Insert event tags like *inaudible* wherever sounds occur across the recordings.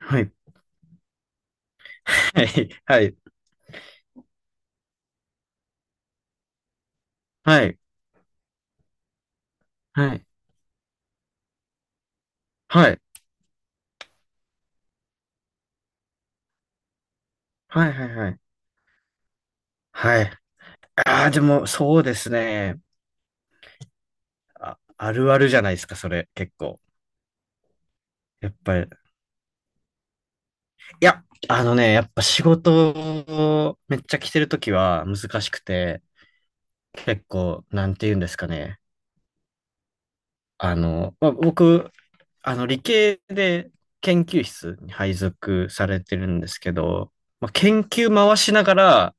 はい。はい。はい。はい。はい。はい。はい。はい。はい。はい。ああ、でも、そうですね。あ、あるあるじゃないですか、それ、結構。やっぱり。いや、やっぱ仕事をめっちゃ来てるときは難しくて、結構、なんて言うんですかね。まあ、僕、理系で研究室に配属されてるんですけど、まあ、研究回しながら、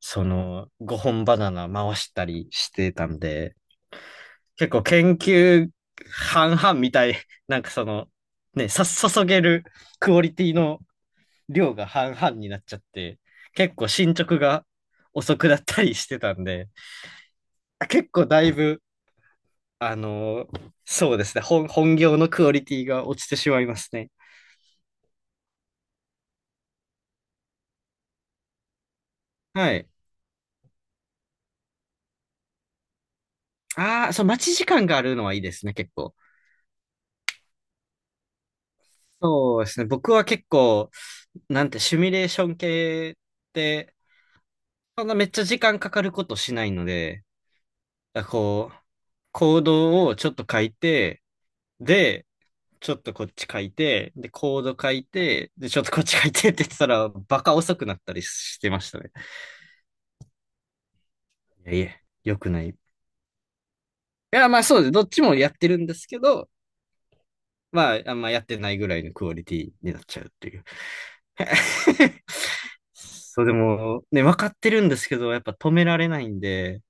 5本バナナ回したりしてたんで、結構研究半々みたい、なんか、注げるクオリティの量が半々になっちゃって、結構進捗が遅くなったりしてたんで、結構だいぶ、そうですね、本業のクオリティが落ちてしまいますね。はい。ああ、そう、待ち時間があるのはいいですね、結構。そうですね、僕は結構、なんて、シミュレーション系って、そんなめっちゃ時間かかることしないので、あこう、コードをちょっと書いて、で、ちょっとこっち書いて、で、コード書いて、で、ちょっとこっち書いて *laughs* って言ってたら、バカ遅くなったりしてましたね。いやいや、良くない。いや、まあそうです。どっちもやってるんですけど、まあ、あんまやってないぐらいのクオリティになっちゃうっていう。*laughs* そう、でも、ね、分かってるんですけど、やっぱ止められないんで、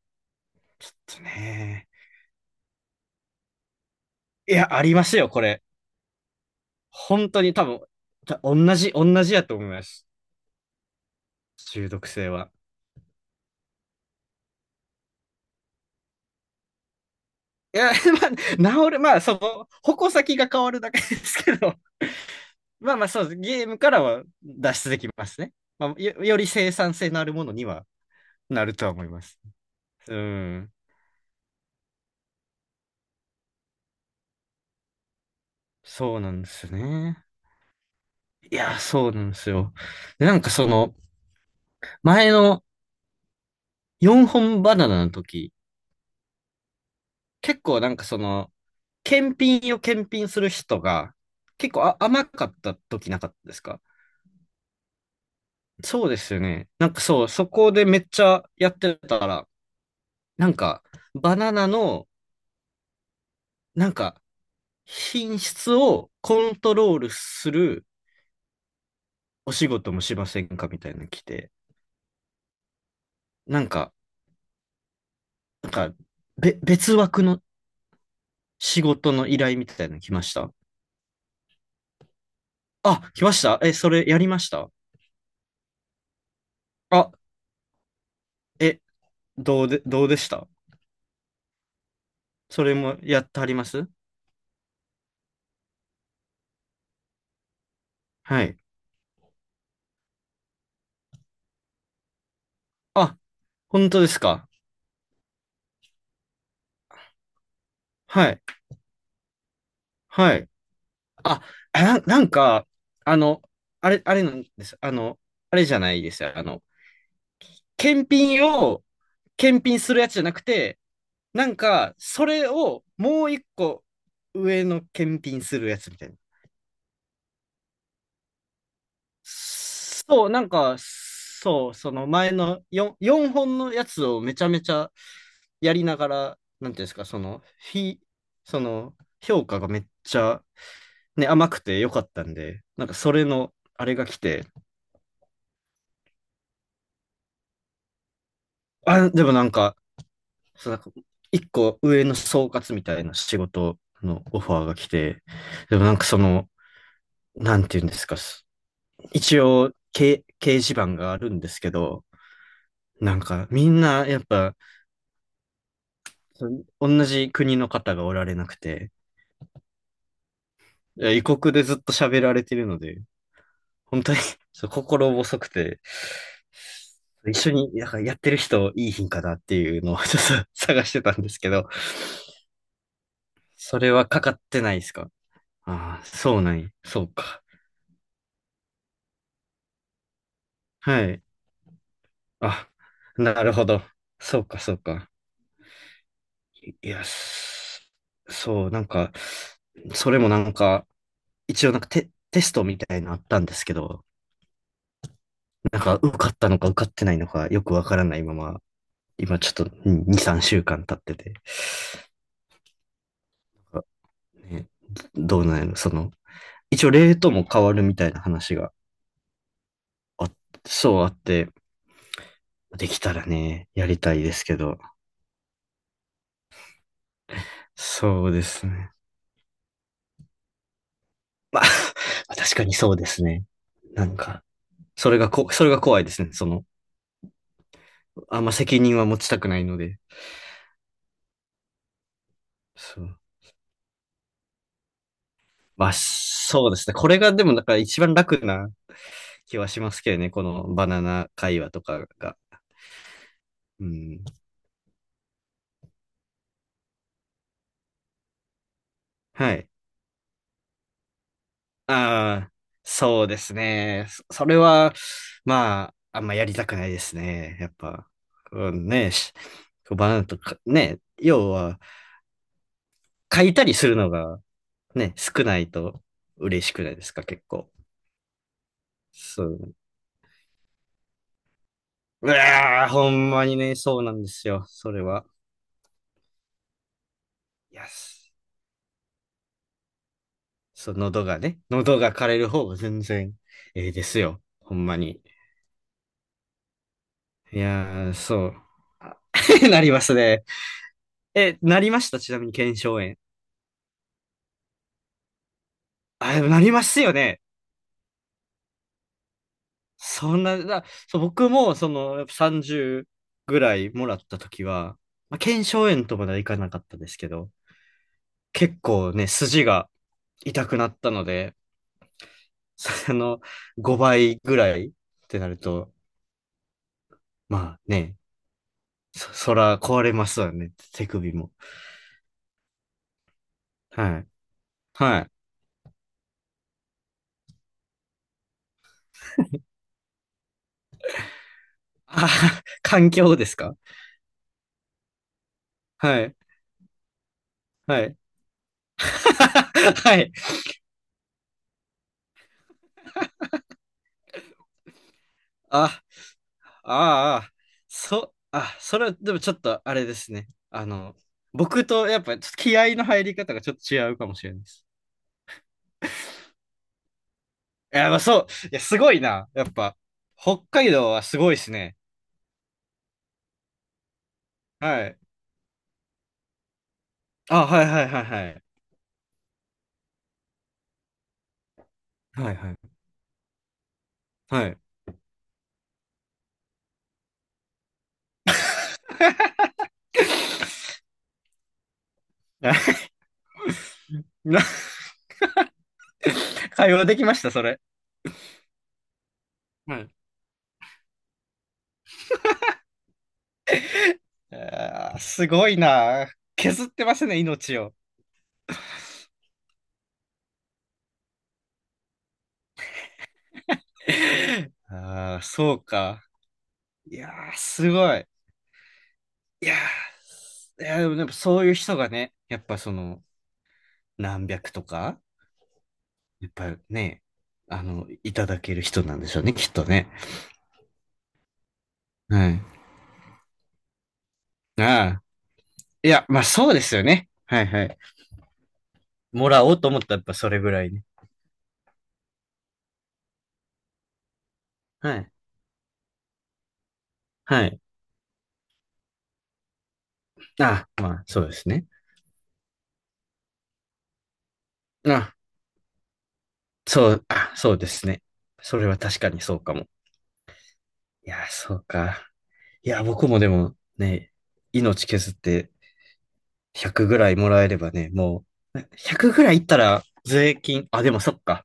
ちょっとね。いや、ありますよ、これ。本当に多分、た同じ、同じやと思います。中毒性は。いや、*laughs* まあ、治る、まあ、矛先が変わるだけですけど、*laughs* まあまあ、そうです。ゲームからは脱出できますね。まあ、より生産性のあるものにはなるとは思います。うん。そうなんですよね。いや、そうなんですよ。で、前の4本バナナの時、結構検品を検品する人が、結構甘かった時なかったですか？そうですよね。なんかそう、そこでめっちゃやってたら、なんか、バナナの、なんか、品質をコントロールするお仕事もしませんかみたいなの来て、なんか、なんか、別枠の仕事の依頼みたいなの来ました。あ、来ました、え、それやりました？あ、え、どうでした？それもやってはります？はい。あ、本当ですか？はい。はい。あ、なんか、あの、あれなんです。あの、あれじゃないですよ。あの、検品を検品するやつじゃなくて、なんか、それをもう一個上の検品するやつみたいな。そう、なんか、そう、その前の 4本のやつをめちゃめちゃやりながら、なんていうんですか、その、評価がめっちゃ、ね、甘くて良かったんで、なんかそれの、あれが来て、あ、でもなんか、そう、なんか、一個上の総括みたいな仕事のオファーが来て、でもなんかその、なんていうんですか、一応、掲示板があるんですけど、なんか、みんな、やっぱ、そ同じ国の方がおられなくて、いや異国でずっと喋られてるので、本当に *laughs* そう心細くて、一緒になんかやってる人いい品かなっていうのを *laughs* ちょっと探してたんですけど、それはかかってないですか？ああー、そうなんや。そうか。はい。あ、なるほど。そうか、そうか。いや、そう、なんか、それもなんか、一応なんかテストみたいなのあったんですけど、なんか受かったのか受かってないのかよくわからないまま、今ちょっと2、3週間経ってて、あね、どうなんやろ、その、一応レートも変わるみたいな話があ、そうあって、できたらね、やりたいですけど、そうですね。確かにそうですね。なんか、それが怖いですね。その、あんま責任は持ちたくないので。そう。まあ、そうですね。これがでも、だから一番楽な気はしますけどね。このバナナ会話とかが。うん。はい。ああ、そうですね。それは、まあ、あんまやりたくないですね。やっぱ、うんね、バナナとか、ね、要は、書いたりするのが、ね、少ないと嬉しくないですか、結構。そう。うわー、ほんまにね、そうなんですよ。それは。いや、そう、喉がね、喉が枯れる方が全然ええですよ。ほんまに。いやー、そう。あ *laughs* なりますね。え、なりました？ちなみに腱鞘炎。あ、でもなりますよね。そんな、だ、そう、僕も、その、やっぱ30ぐらいもらった時は、まあ、腱鞘炎とまではいかなかったですけど、結構ね、筋が痛くなったので、その、5倍ぐらいってなると、まあね、そら壊れますわね、手首も。はい。はい。あ、*laughs* 環境ですか？はい。はい。*laughs* はい。あ、ああ、それはでもちょっとあれですね。あの、僕とやっぱちょっと気合の入り方がちょっと違うかもしれないです。いや、まあそう。いや、すごいな。やっぱ、北海道はすごいですね。はい。あ、はいはいはいはい。はいはい。はい。*laughs* な、会話できました、それ？はい、あーすごいな。削ってますね、命を。ああ、そうか。いやー、すごい。いやいやー、でもそういう人がね、やっぱその、何百とか、やっぱね、あの、いただける人なんでしょうね、きっとね。はい。ああ、いや、まあそうですよね。はいはい。もらおうと思ったらやっぱそれぐらいね。はい。はい。ああ、まあそうですね。あそう、あ、そうですね。それは確かにそうかも。いやー、そうか。いや、僕もでもね、命削って100ぐらいもらえればね、もう、100ぐらいいったら税金、あ、でもそっか。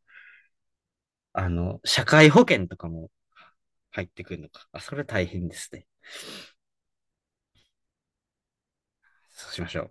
あの、社会保険とかも入ってくるのか。あ、それ大変ですね。そうしましょう。